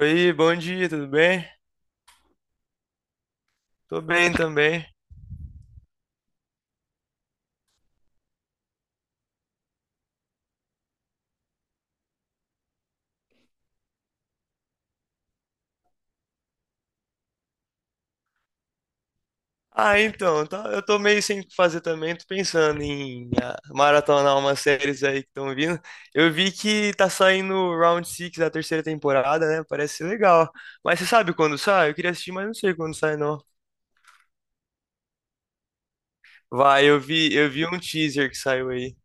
Oi, bom dia, tudo bem? Tô bem também. Eu tô meio sem o que fazer também, tô pensando em maratonar umas séries aí que estão vindo. Eu vi que tá saindo o Round Six da terceira temporada, né? Parece ser legal. Mas você sabe quando sai? Eu queria assistir, mas não sei quando sai, não. Vai, eu vi um teaser que saiu aí.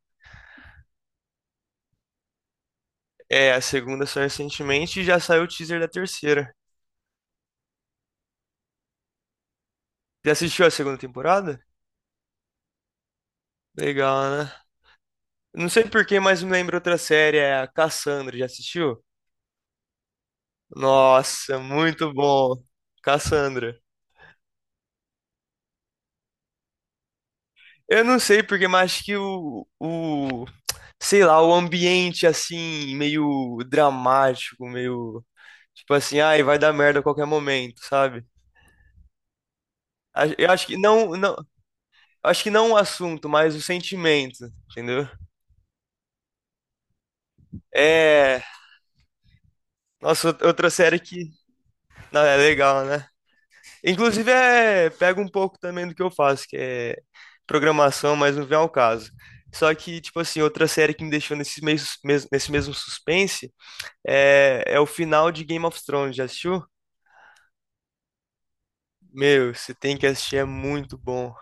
É, a segunda saiu recentemente e já saiu o teaser da terceira. Já assistiu a segunda temporada? Legal, né? Não sei por que, mas me lembra outra série, é a Cassandra, já assistiu? Nossa, muito bom. Cassandra. Eu não sei porque, mas acho que sei lá, o ambiente assim, meio dramático, meio, tipo assim, ai, vai dar merda a qualquer momento, sabe? Eu acho que não, acho que não o assunto, mas o sentimento, entendeu? É, nossa, não, é legal, né? Inclusive, é, pega um pouco também do que eu faço, que é programação, mas não vem ao caso. Só que, tipo assim, outra série que me deixou nesse nesse mesmo suspense é, é o final de Game of Thrones. Já assistiu? Meu, você tem que assistir, é muito bom.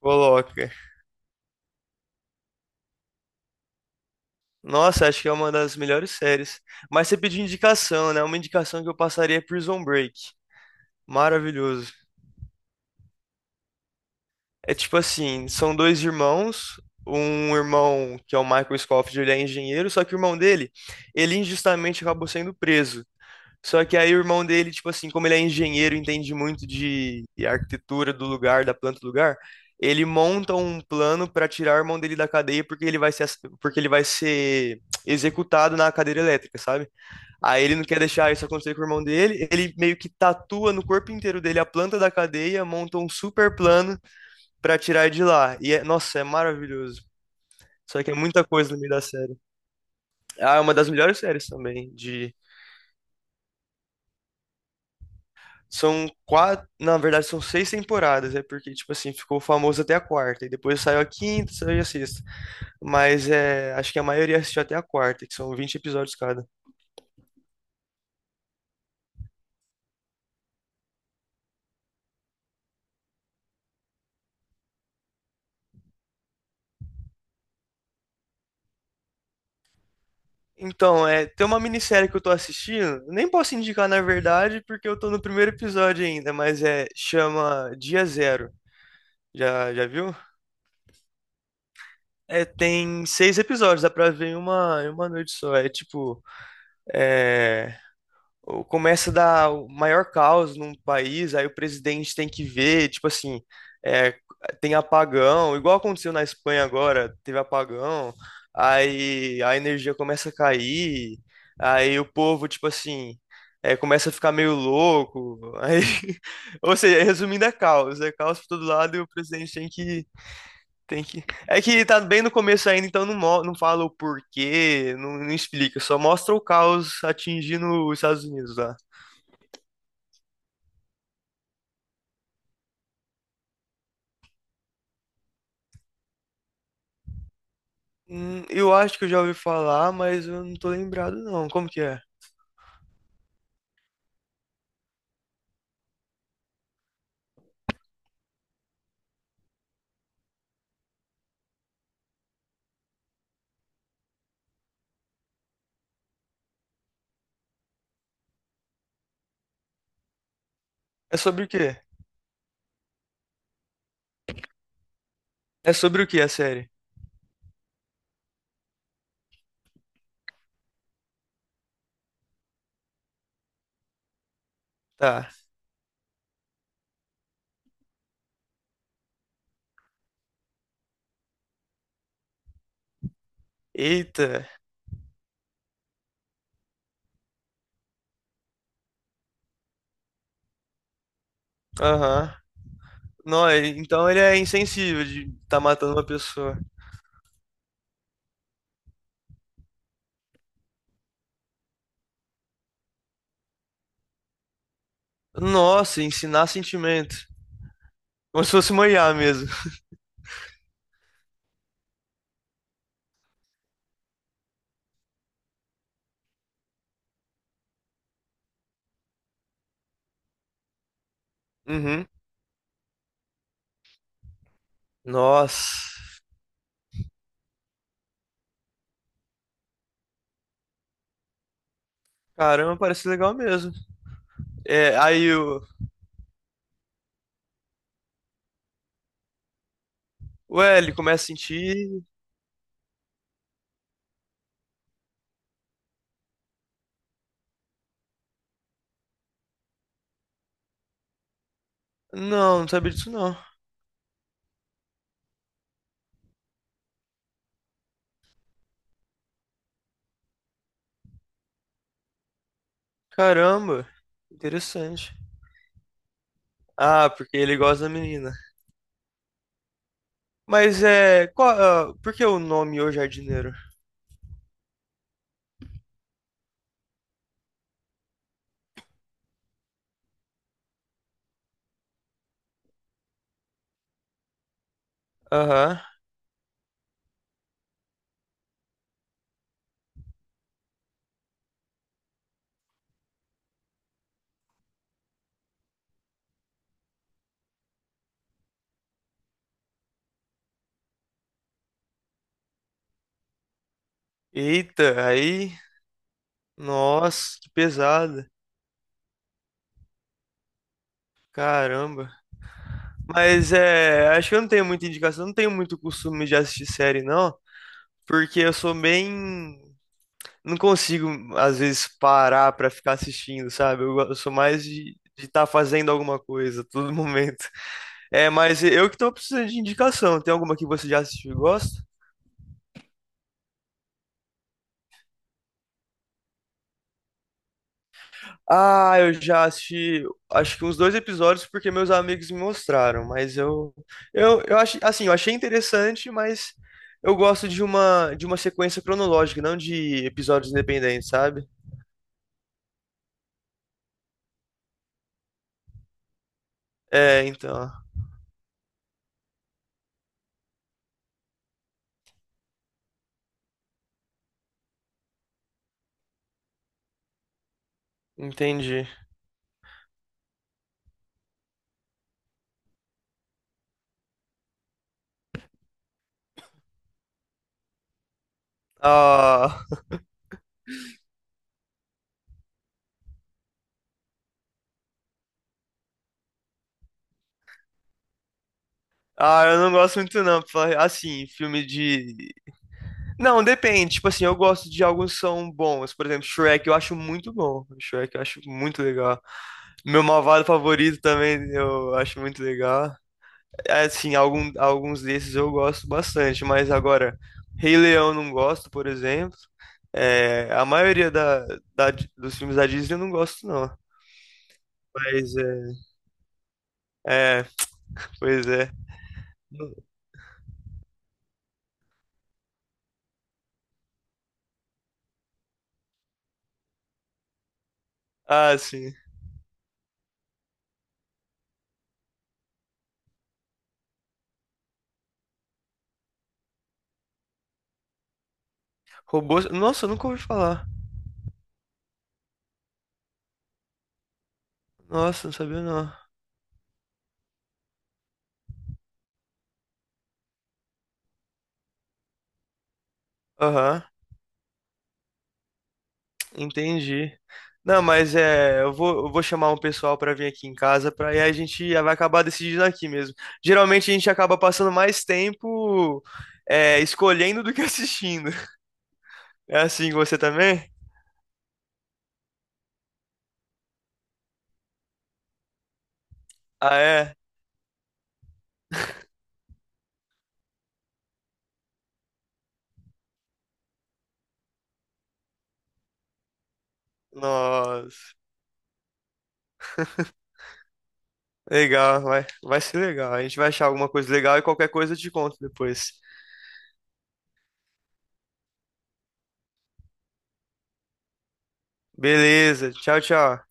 Coloca. Nossa, acho que é uma das melhores séries. Mas você pediu indicação, né? Uma indicação que eu passaria é Prison Break. Maravilhoso. É tipo assim, são dois irmãos, um irmão que é o Michael Scofield, ele é engenheiro, só que o irmão dele, ele injustamente acabou sendo preso. Só que aí o irmão dele, tipo assim, como ele é engenheiro, entende muito de arquitetura do lugar, da planta do lugar, ele monta um plano para tirar o irmão dele da cadeia porque ele vai ser, ass- porque ele vai ser executado na cadeira elétrica, sabe? Aí ele não quer deixar isso acontecer com o irmão dele, ele meio que tatua no corpo inteiro dele a planta da cadeia, monta um super plano pra tirar de lá. E, é, nossa, é maravilhoso. Só que é muita coisa no meio da série. Ah, é uma das melhores séries também, de... São quatro, na verdade são seis temporadas, é porque, tipo assim, ficou famoso até a quarta, e depois saiu a quinta, saiu a sexta. Mas é, acho que a maioria assistiu até a quarta, que são vinte episódios cada. Então, é, tem uma minissérie que eu tô assistindo, nem posso indicar na verdade, porque eu tô no primeiro episódio ainda, mas é, chama Dia Zero. Já, já viu? É, tem seis episódios, dá pra ver em em uma noite só. É tipo, é, começa a dar o maior caos num país, aí o presidente tem que ver, tipo assim, é, tem apagão, igual aconteceu na Espanha agora, teve apagão, aí a energia começa a cair, aí o povo, tipo assim, é, começa a ficar meio louco, aí, ou seja, resumindo, é caos por todo lado e o presidente tem que... É que tá bem no começo ainda, então não, não fala o porquê, não explica, só mostra o caos atingindo os Estados Unidos lá. Eu acho que eu já ouvi falar, mas eu não tô lembrado não. Como que é? É sobre o quê? É sobre o quê a série? Tá. Eita. Aham. Não, então ele é insensível de tá matando uma pessoa. Nossa, ensinar sentimento. Como se fosse uma IA mesmo. Uhum. Nossa. Caramba, parece legal mesmo. É, aí o. Ué, ele começa a sentir. Não, não sabia disso não. Caramba, interessante. Ah, porque ele gosta da menina. Mas é. Qual, ah, por que o nome O Jardineiro? Aham. Eita, aí. Nossa, que pesada. Caramba. Mas é. Acho que eu não tenho muita indicação. Eu não tenho muito costume de assistir série, não. Porque eu sou bem. Não consigo, às vezes, parar pra ficar assistindo, sabe? Eu, eu sou mais de estar fazendo alguma coisa a todo momento. É, mas eu que tô precisando de indicação. Tem alguma que você já assistiu e gosta? Ah, eu já assisti, acho que uns dois episódios porque meus amigos me mostraram, mas eu acho assim, eu achei interessante, mas eu gosto de uma sequência cronológica, não de episódios independentes, sabe? É, então, entendi. Ah, ah, eu não gosto muito não, assim, filme de Não, depende. Tipo assim, eu gosto de alguns que são bons. Por exemplo, Shrek eu acho muito bom. Shrek eu acho muito legal. Meu malvado favorito também eu acho muito legal. É, assim, alguns desses eu gosto bastante, mas agora, Rei Leão não gosto, por exemplo. É, a maioria da, da- dos filmes da Disney eu não gosto, não. Mas é, é, pois é. Ah, sim. Robôs. Nossa, eu nunca ouvi falar. Nossa, não sabia não. Aham. Entendi. Não, mas é, eu vou chamar um pessoal para vir aqui em casa, para aí a gente vai acabar decidindo aqui mesmo. Geralmente a gente acaba passando mais tempo é, escolhendo do que assistindo. É assim com você também? Ah, é? Nossa. Legal, vai ser legal. A gente vai achar alguma coisa legal e qualquer coisa eu te conto depois. Beleza, tchau, tchau.